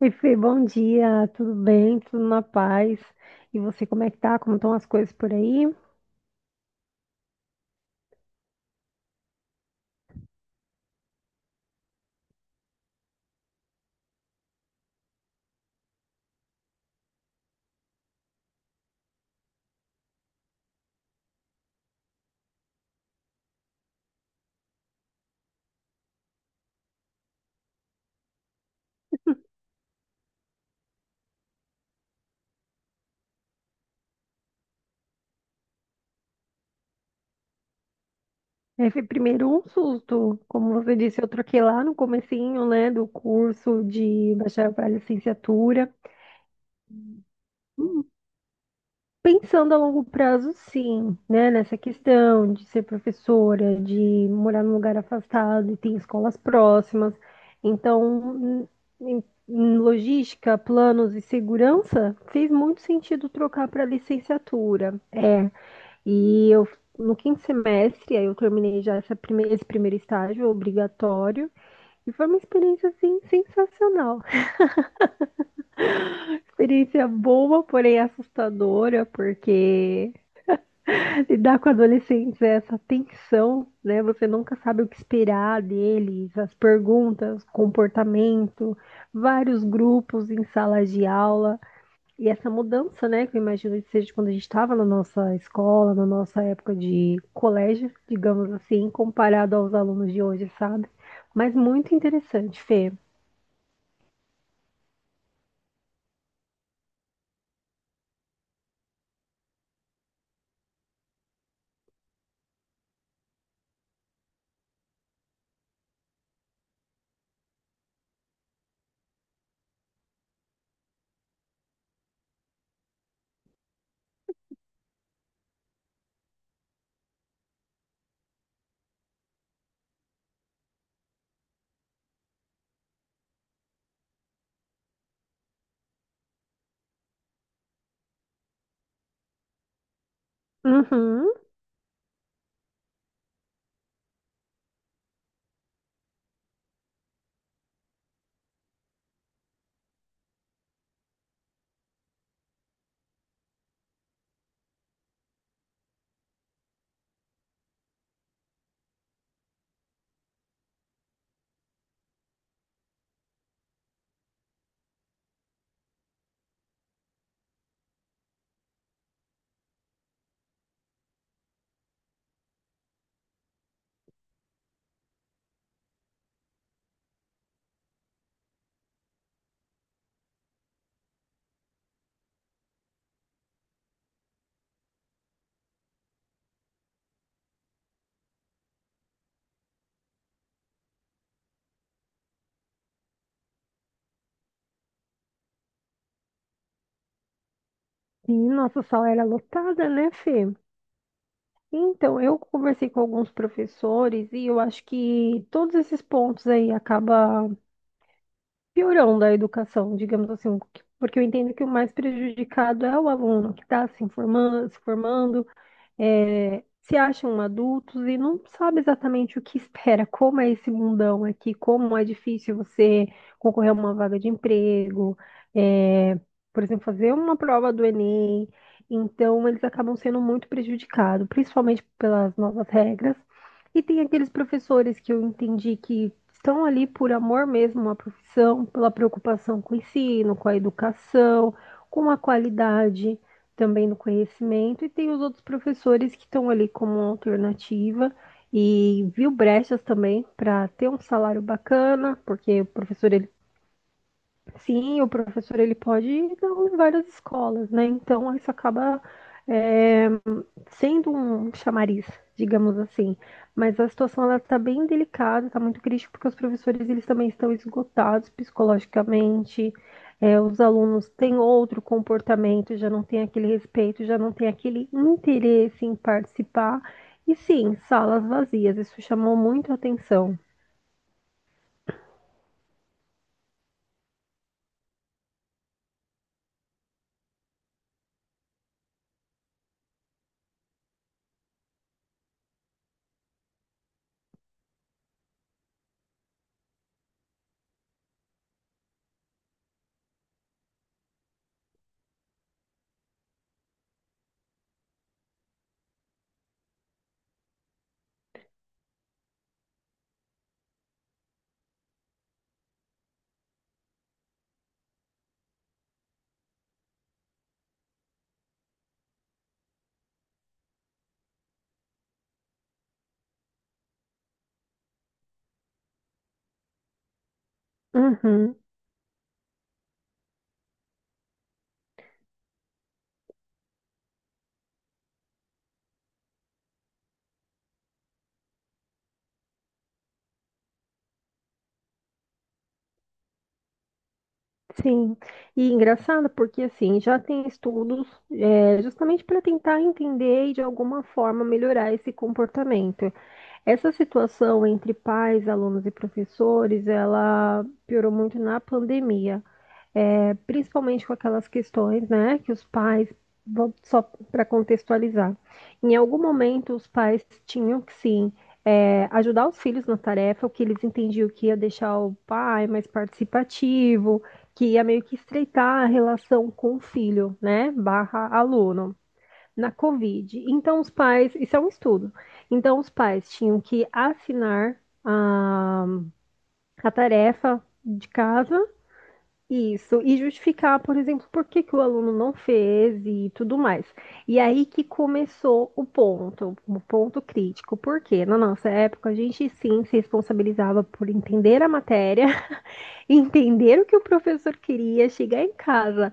Oi, Fê, bom dia, tudo bem? Tudo na paz? E você, como é que tá? Como estão as coisas por aí? É, Fê, primeiro um susto, como você disse, eu troquei lá no comecinho, né, do curso de bacharel para licenciatura. Pensando a longo prazo, sim, né? Nessa questão de ser professora, de morar num lugar afastado e ter escolas próximas. Então, em, em- em logística, planos e segurança, fez muito sentido trocar para licenciatura. E eu no quinto semestre, aí eu terminei já esse primeiro estágio obrigatório, e foi uma experiência assim sensacional. Experiência boa, porém assustadora, porque lidar com adolescentes é essa tensão, né? Você nunca sabe o que esperar deles, as perguntas, comportamento, vários grupos em salas de aula. E essa mudança, né, que eu imagino que seja quando a gente estava na nossa escola, na nossa época de colégio, digamos assim, comparado aos alunos de hoje, sabe? Mas muito interessante, Fê. Uhum. E nossa sala era lotada, né, Fê? Então, eu conversei com alguns professores e eu acho que todos esses pontos aí acaba piorando a educação, digamos assim, porque eu entendo que o mais prejudicado é o aluno que está se informando, se formando, se acham adultos e não sabe exatamente o que espera, como é esse mundão aqui, como é difícil você concorrer a uma vaga de emprego, é, por exemplo, fazer uma prova do Enem. Então, eles acabam sendo muito prejudicados, principalmente pelas novas regras. E tem aqueles professores que eu entendi que estão ali por amor mesmo à profissão, pela preocupação com o ensino, com a educação, com a qualidade também no conhecimento, e tem os outros professores que estão ali como alternativa e viu brechas também para ter um salário bacana, porque o professor ele... Sim, o professor ele pode dar em várias escolas, né? Então isso acaba é, sendo um chamariz, digamos assim. Mas a situação ela está bem delicada, está muito crítica, porque os professores eles também estão esgotados psicologicamente. É, os alunos têm outro comportamento, já não tem aquele respeito, já não tem aquele interesse em participar. E sim, salas vazias, isso chamou muito a atenção. Uhum. Sim, e engraçado porque assim já tem estudos, justamente para tentar entender e de alguma forma melhorar esse comportamento. Essa situação entre pais, alunos e professores, ela piorou muito na pandemia, principalmente com aquelas questões, né, que os pais, só para contextualizar, em algum momento os pais tinham que sim ajudar os filhos na tarefa, o que eles entendiam que ia deixar o pai mais participativo, que ia meio que estreitar a relação com o filho, né, barra aluno. Na Covid. Então, os pais, isso é um estudo. Então, os pais tinham que assinar a tarefa de casa, isso, e justificar, por exemplo, por que que o aluno não fez e tudo mais. E aí que começou o ponto crítico, porque na nossa época a gente sim se responsabilizava por entender a matéria, entender o que o professor queria, chegar em casa,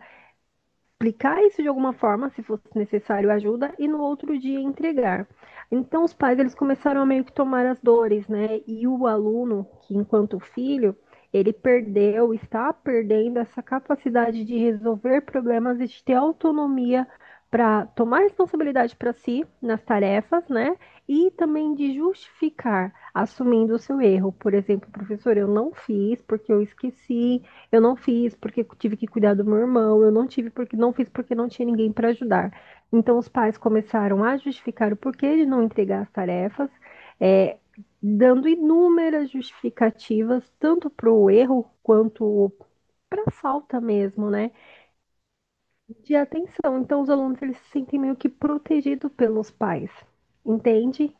explicar isso de alguma forma, se fosse necessário ajuda, e no outro dia entregar. Então os pais eles começaram a meio que tomar as dores, né? E o aluno, que enquanto filho, ele perdeu, está perdendo essa capacidade de resolver problemas e de ter autonomia para tomar responsabilidade para si nas tarefas, né? E também de justificar, assumindo o seu erro. Por exemplo, professor, eu não fiz porque eu esqueci, eu não fiz porque tive que cuidar do meu irmão, eu não tive porque não fiz porque não tinha ninguém para ajudar. Então os pais começaram a justificar o porquê de não entregar as tarefas, é, dando inúmeras justificativas, tanto para o erro quanto para a falta mesmo, né? De atenção. Então os alunos eles se sentem meio que protegidos pelos pais. Entende?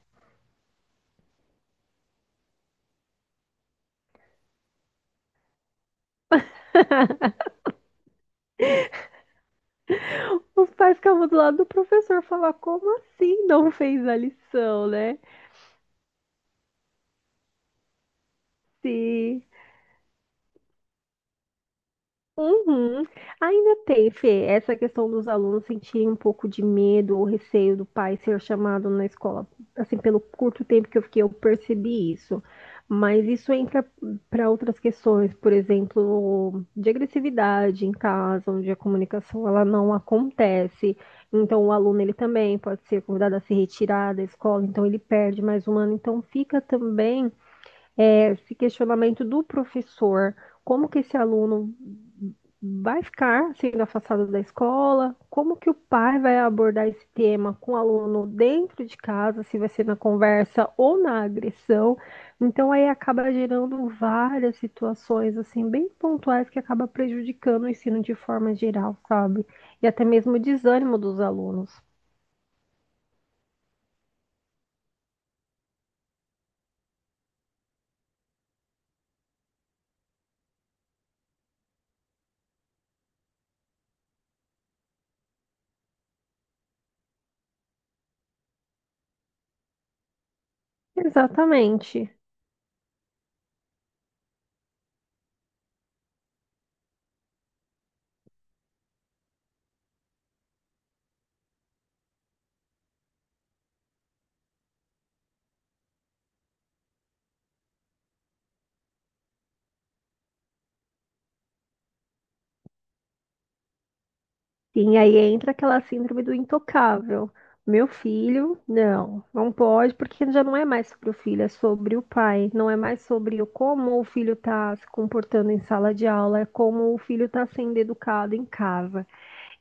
Os pais ficavam do lado do professor falar como assim não fez a lição, né? Se Uhum. Ainda tem, teve essa questão dos alunos sentirem um pouco de medo ou receio do pai ser chamado na escola. Assim, pelo curto tempo que eu fiquei, eu percebi isso. Mas isso entra para outras questões, por exemplo, de agressividade em casa, onde a comunicação ela não acontece. Então, o aluno ele também pode ser convidado a se retirar da escola, então ele perde mais um ano. Então, fica também esse questionamento do professor, como que esse aluno vai ficar sendo afastado da escola, como que o pai vai abordar esse tema com o aluno dentro de casa, se vai ser na conversa ou na agressão. Então aí acaba gerando várias situações assim bem pontuais que acaba prejudicando o ensino de forma geral, sabe? E até mesmo o desânimo dos alunos. Exatamente. Sim, aí entra aquela síndrome do intocável. Meu filho, não, não pode, porque já não é mais sobre o filho, é sobre o pai. Não é mais sobre o como o filho está se comportando em sala de aula, é como o filho está sendo educado em casa.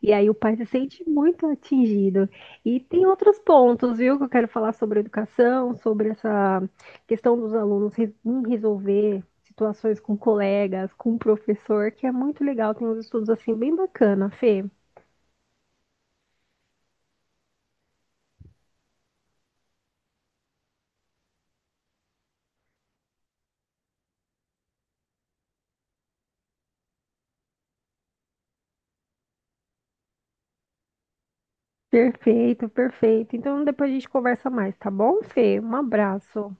E aí o pai se sente muito atingido. E tem outros pontos, viu, que eu quero falar sobre educação, sobre essa questão dos alunos em resolver situações com colegas, com o professor, que é muito legal. Tem uns estudos assim bem bacana, Fê. Perfeito, perfeito. Então depois a gente conversa mais, tá bom, Fê? Um abraço.